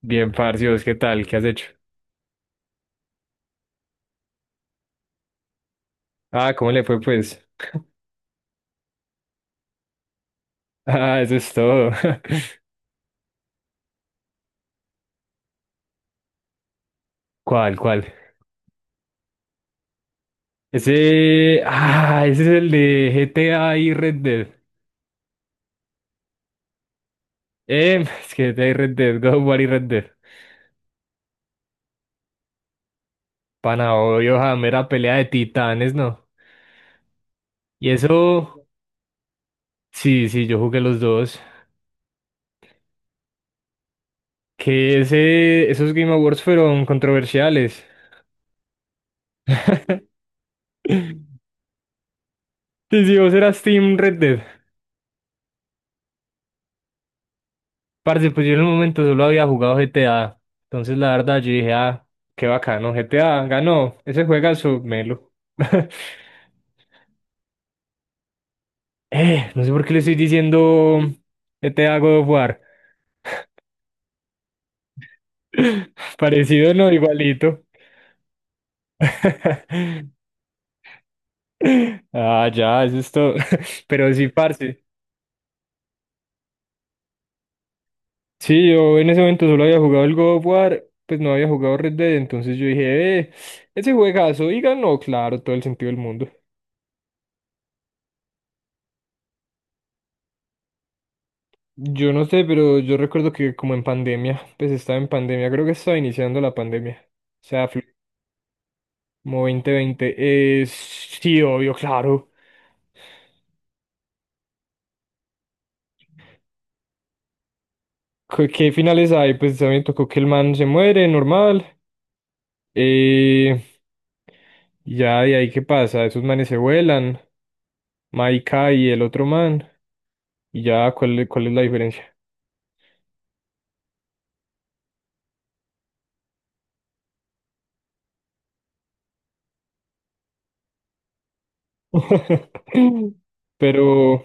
Bien, parcios, ¿qué tal? ¿Qué has hecho? Ah, ¿cómo le fue, pues? Ah, eso es todo. ¿Cuál? Ese. Ah, ese es el de GTA y Red Dead. Es que GTA y Red Dead, God of War y Red Dead. Pana, obvio, ja, mera pelea de titanes, ¿no? Y eso. Sí, sí, yo jugué los dos. Que ese. Esos Game Awards fueron controversiales. Sí, sí, vos eras Team Red Dead. Parce, pues yo en el momento solo había jugado GTA. Entonces la verdad yo dije, ah, qué bacano, GTA ganó. Ese juegazo, melo. No sé por qué le estoy diciendo GTA God of War. Parecido, no, igualito. Ah, ya, eso es todo. Pero sí, parce. Sí, yo en ese momento solo había jugado el God of War, pues no había jugado Red Dead, entonces yo dije, ese juegazo, y ganó, claro, todo el sentido del mundo. Yo no sé, pero yo recuerdo que como en pandemia, pues estaba en pandemia, creo que estaba iniciando la pandemia. O sea, fue como 2020. Sí, obvio, claro. ¿Qué finales hay? Pues también tocó que el man se muere, normal. Eh, y ya de ahí qué pasa, esos manes se vuelan, Maika y el otro man. Y ya, ¿cuál es la diferencia? Pero,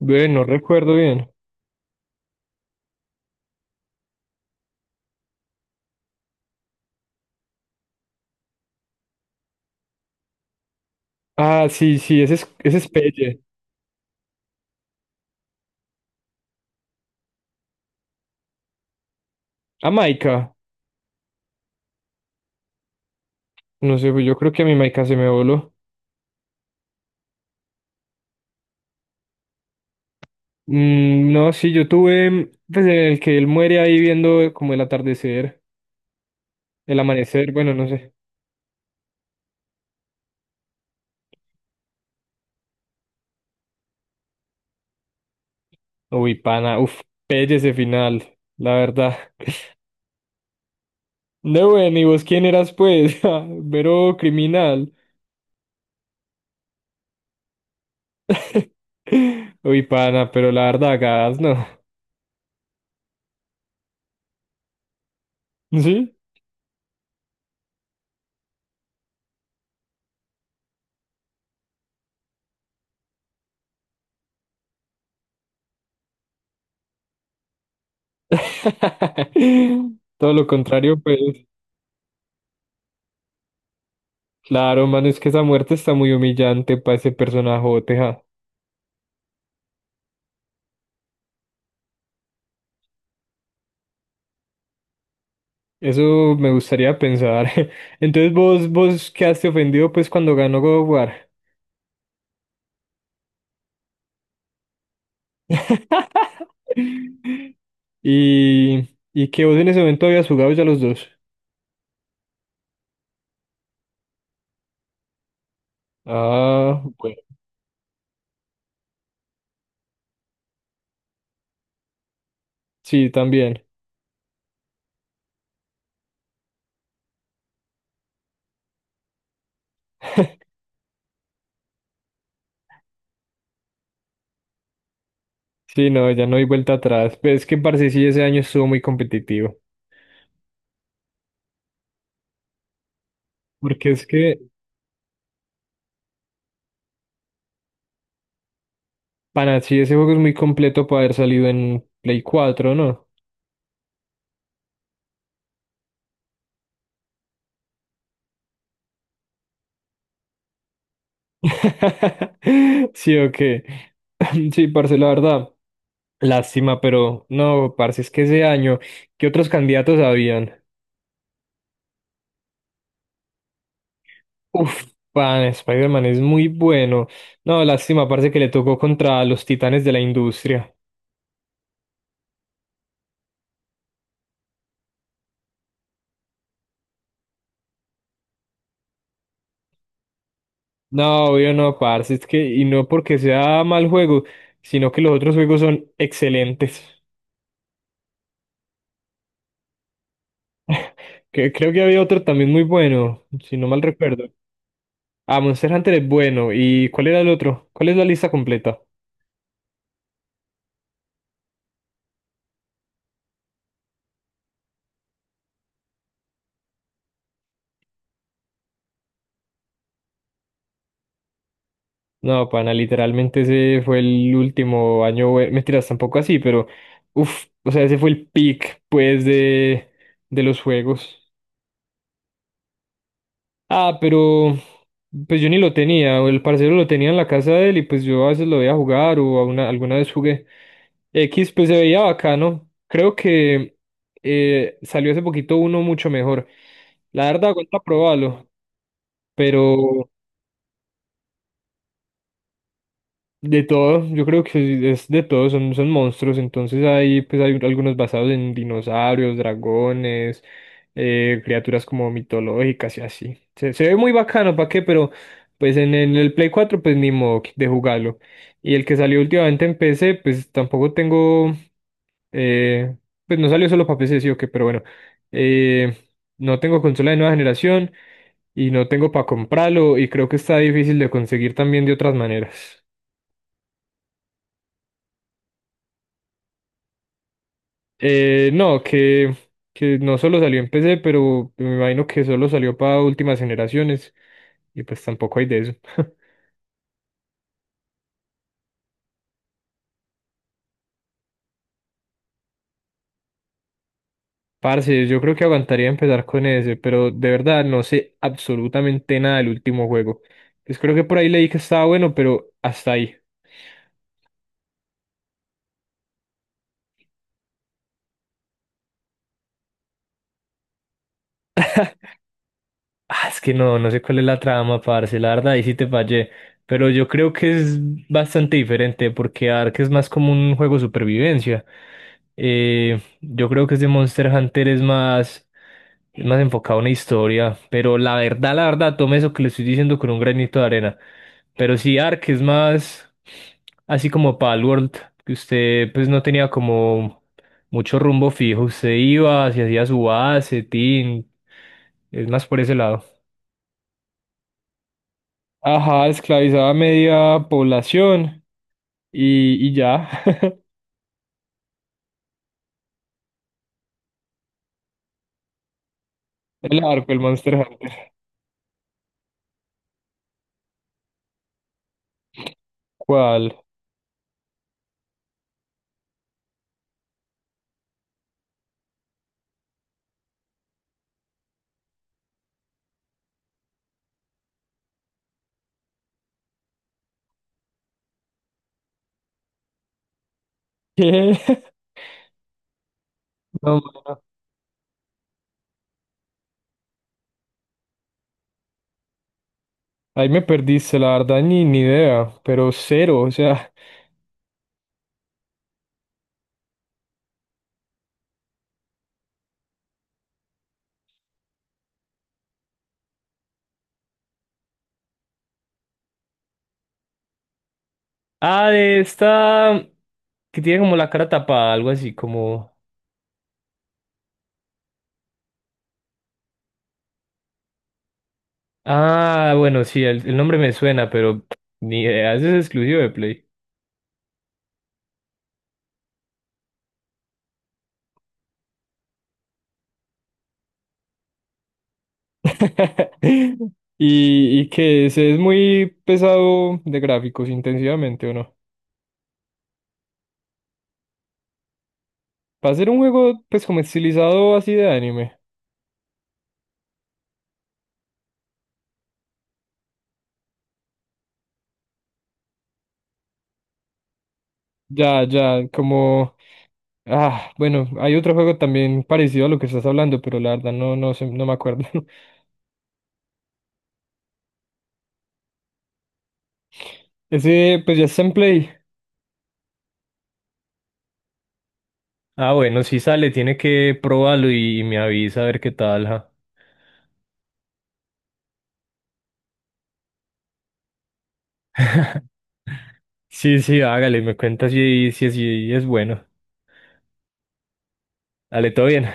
bueno, no recuerdo bien. Ah, sí, sí, ese es Pelle. A Maika. No sé, pues yo creo que a mi Maika se me voló. Mm, no, sí, yo tuve, pues en el que él muere ahí viendo como el atardecer, el amanecer, bueno, no sé. Uy, pana, uf, pelle ese final, la verdad. No, bueno, ¿y vos quién eras pues? Ah, Vero criminal. Uy, pana, pero la verdad, gas, no. ¿Sí? Todo lo contrario, pues. Claro, mano, es que esa muerte está muy humillante para ese personaje. Eso me gustaría pensar. Entonces vos quedaste ofendido pues cuando ganó God of War. Y, y que vos en ese momento habías jugado ya los dos. Ah, bueno. Sí, también. Sí, no, ya no hay vuelta atrás. Pero es que parce sí ese año estuvo muy competitivo. Porque es que, para sí, ese juego es muy completo para haber salido en Play 4, ¿no? Sí, ok. Sí, parce, la verdad. Lástima, pero no, parce, es que ese año, ¿qué otros candidatos habían? Uf, pan, Spider-Man es muy bueno. No, lástima, parce, que le tocó contra los titanes de la industria. No, obvio no, parce, es que, y no porque sea mal juego, sino que los otros juegos son excelentes. Que, creo que había otro también muy bueno, si no mal recuerdo. Ah, Monster Hunter es bueno. ¿Y cuál era el otro? ¿Cuál es la lista completa? No, pana, literalmente ese fue el último año, mentiras, tampoco así, pero uff, o sea, ese fue el peak, pues, de, los juegos. Ah, pero pues yo ni lo tenía, o el parcero lo tenía en la casa de él y pues yo a veces lo veía jugar o a alguna vez jugué. X, pues se veía bacano. Creo que salió hace poquito uno mucho mejor. La verdad, aguanta probarlo. Mm. Pero de todo, yo creo que es de todo, son, monstruos, entonces hay, pues hay algunos basados en dinosaurios, dragones, criaturas como mitológicas y así. se, ve muy bacano, ¿para qué? Pero pues en el Play 4 pues ni modo de jugarlo. Y el que salió últimamente en PC pues tampoco tengo, eh, pues no salió solo para PC, sí o qué, pero bueno, eh, no tengo consola de nueva generación y no tengo para comprarlo y creo que está difícil de conseguir también de otras maneras. No, que no solo salió en PC, pero me imagino que solo salió para últimas generaciones y pues tampoco hay de eso. Parce, yo creo que aguantaría empezar con ese, pero de verdad no sé absolutamente nada del último juego. Pues creo que por ahí leí que estaba bueno, pero hasta ahí. Ah, es que no, no sé cuál es la trama, parce, la verdad, ahí sí te fallé. Pero yo creo que es bastante diferente porque Ark es más como un juego de supervivencia. Yo creo que ese Monster Hunter es más enfocado a una historia, pero la verdad, tome eso que le estoy diciendo con un granito de arena. Pero sí, Ark es más así como Palworld, que usted pues no tenía como mucho rumbo fijo, usted iba, se hacía su base, tin, es más por ese lado. Ajá, esclavizaba a media población y, ya. El arco, el Monster Hunter. ¿Cuál? ¿Qué? No, mano, ahí me perdiste, la verdad, ni idea, pero cero, o sea. Ah, de esta que tiene como la cara tapada, algo así como. Ah, bueno, sí, el nombre me suena, pero ni idea, ese es exclusivo de Play. Y que ese es muy pesado de gráficos, intensivamente, ¿o no? Para ser un juego, pues como estilizado así de anime. Ya, ya, como. Ah, bueno, hay otro juego también parecido a lo que estás hablando, pero la verdad no, no, no me acuerdo. Ese, pues ya está en Play. Ah, bueno, si sale, tiene que probarlo y, me avisa a ver qué tal, ja. Sí, sí, hágale, me cuentas si, es bueno. Dale, todo bien.